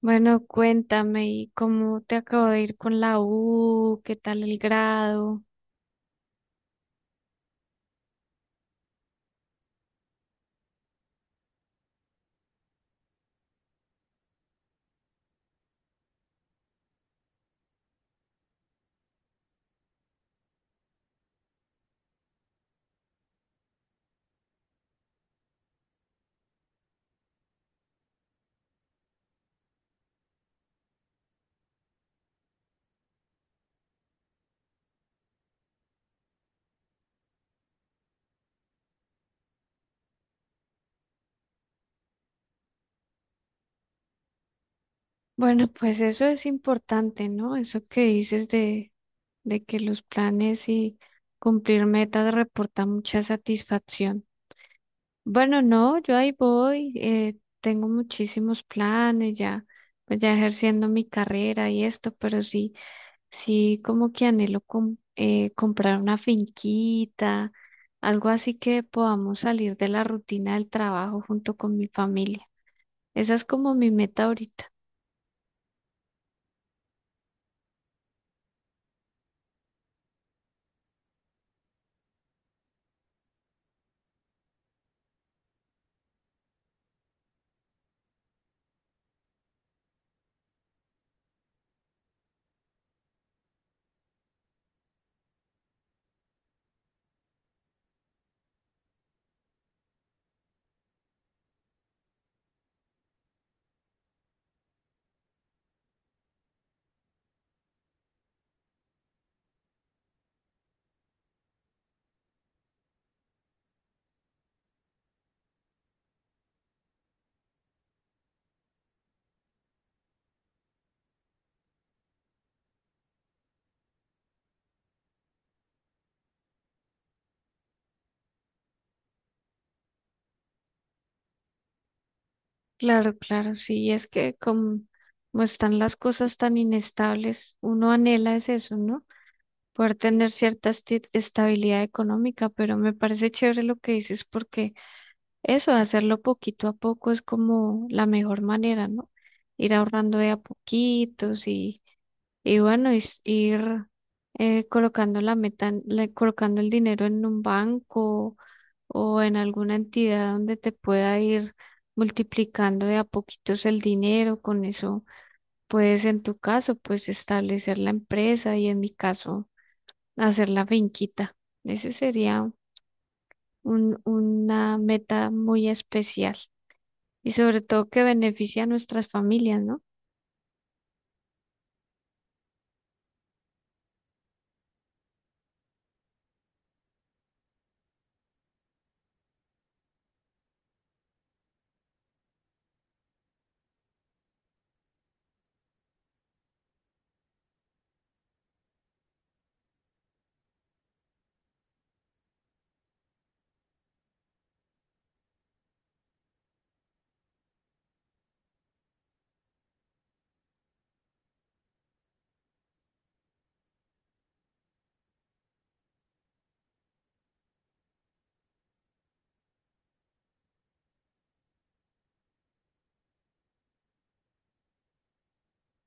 Bueno, cuéntame, ¿y cómo te acabo de ir con la U? ¿Qué tal el grado? Bueno, pues eso es importante, ¿no? Eso que dices de que los planes y cumplir metas reporta mucha satisfacción. Bueno, no, yo ahí voy, tengo muchísimos planes ya, pues ya ejerciendo mi carrera y esto, pero sí. Sí, como que anhelo comprar una finquita, algo así que podamos salir de la rutina del trabajo junto con mi familia. Esa es como mi meta ahorita. Claro, claro, sí, es que como están las cosas tan inestables, uno anhela es eso, ¿no? Poder tener cierta estabilidad económica, pero me parece chévere lo que dices porque eso, hacerlo poquito a poco es como la mejor manera, ¿no? Ir ahorrando de a poquitos, y bueno, ir colocando la meta, colocando el dinero en un banco o en alguna entidad donde te pueda ir multiplicando de a poquitos el dinero. Con eso puedes, en tu caso, pues establecer la empresa y en mi caso, hacer la finquita. Ese sería una meta muy especial y sobre todo que beneficia a nuestras familias, ¿no?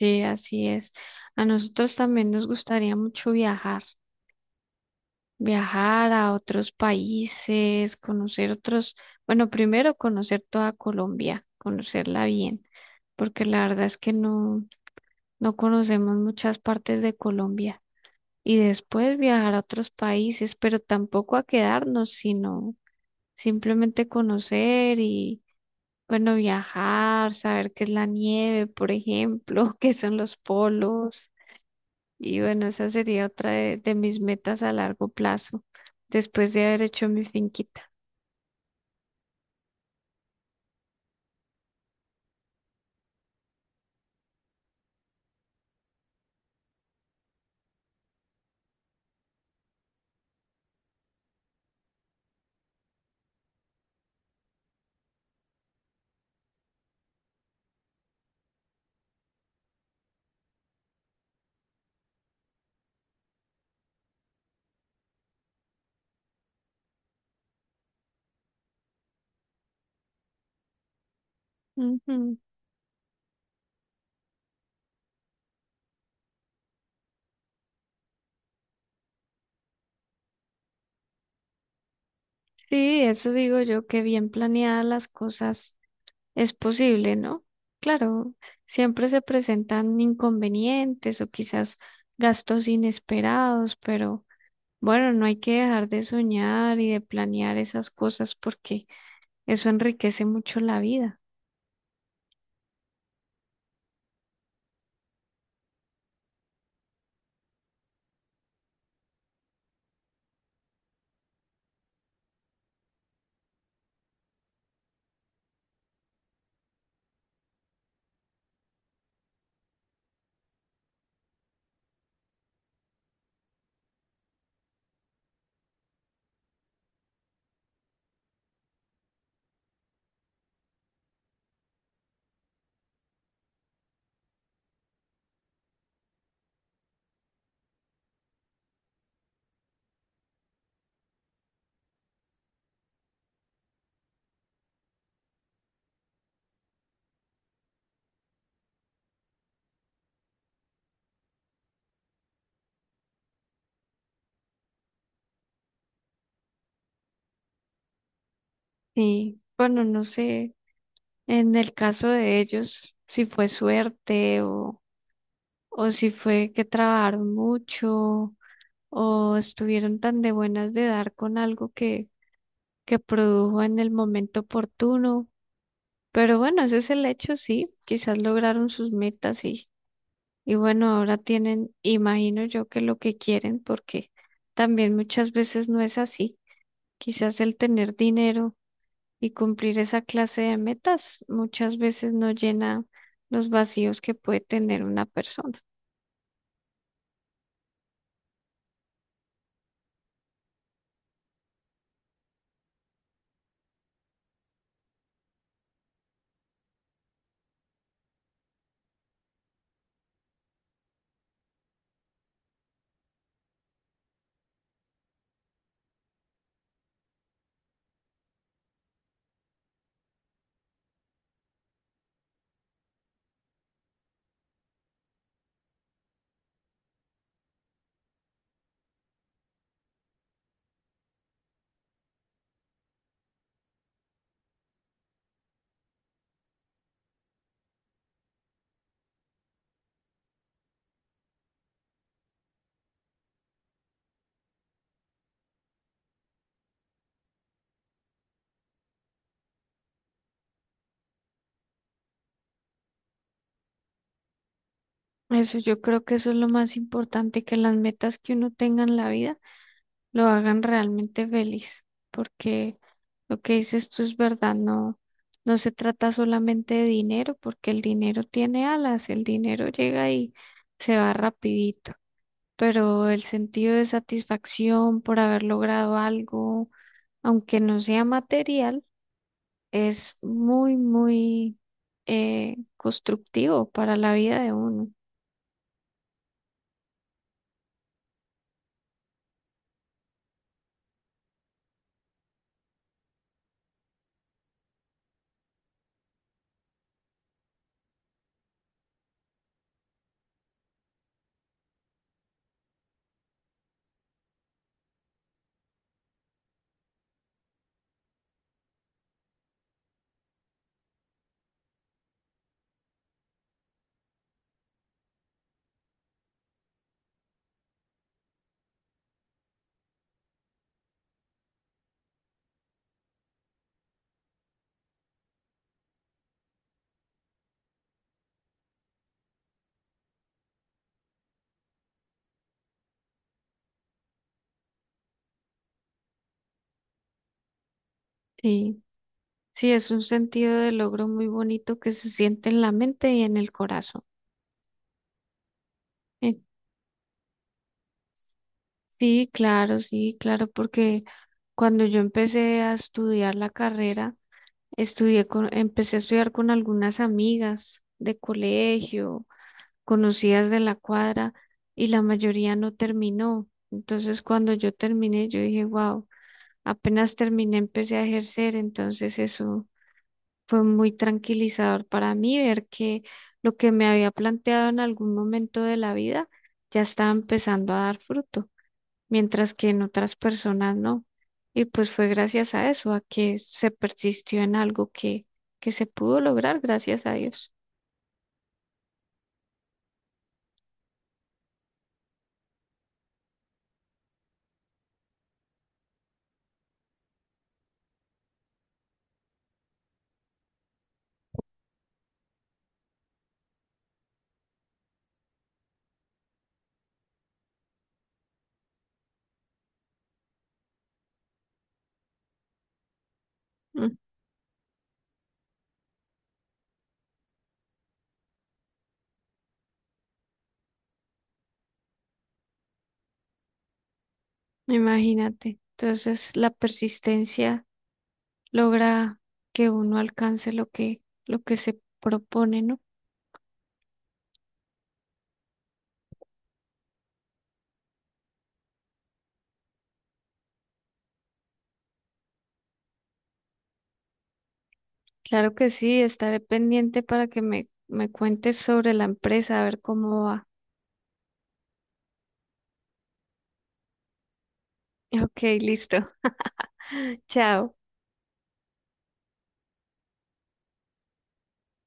Sí, así es. A nosotros también nos gustaría mucho viajar, viajar a otros países, conocer otros, bueno, primero conocer toda Colombia, conocerla bien, porque la verdad es que no conocemos muchas partes de Colombia. Y después viajar a otros países, pero tampoco a quedarnos, sino simplemente conocer. Bueno, viajar, saber qué es la nieve, por ejemplo, qué son los polos. Y bueno, esa sería otra de mis metas a largo plazo, después de haber hecho mi finquita. Ujú. Sí, eso digo yo, que bien planeadas las cosas es posible, ¿no? Claro, siempre se presentan inconvenientes o quizás gastos inesperados, pero bueno, no hay que dejar de soñar y de planear esas cosas porque eso enriquece mucho la vida. Sí, bueno, no sé, en el caso de ellos, si fue suerte, o si fue que trabajaron mucho o estuvieron tan de buenas de dar con algo que produjo en el momento oportuno. Pero bueno, ese es el hecho, sí, quizás lograron sus metas y bueno, ahora tienen, imagino yo que lo que quieren, porque también muchas veces no es así. Quizás el tener dinero y cumplir esa clase de metas muchas veces no llena los vacíos que puede tener una persona. Eso yo creo que eso es lo más importante, que las metas que uno tenga en la vida lo hagan realmente feliz, porque lo que dices tú es verdad, no se trata solamente de dinero, porque el dinero tiene alas, el dinero llega y se va rapidito, pero el sentido de satisfacción por haber logrado algo, aunque no sea material, es muy constructivo para la vida de uno. Sí, sí, es un sentido de logro muy bonito que se siente en la mente y en el corazón. Eh, Sí, claro, sí, claro, porque cuando yo empecé a estudiar la carrera, empecé a estudiar con algunas amigas de colegio, conocidas de la cuadra, y la mayoría no terminó. Entonces, cuando yo terminé, yo dije, wow. Apenas terminé, empecé a ejercer, entonces eso fue muy tranquilizador para mí ver que lo que me había planteado en algún momento de la vida ya estaba empezando a dar fruto, mientras que en otras personas no. Y pues fue gracias a eso, a que se persistió en algo que se pudo lograr, gracias a Dios. Mm. Imagínate. Entonces la persistencia logra que uno alcance lo que se propone, ¿no? Claro que sí, estaré pendiente para que me cuentes sobre la empresa, a ver cómo va. Ok, listo. Chao.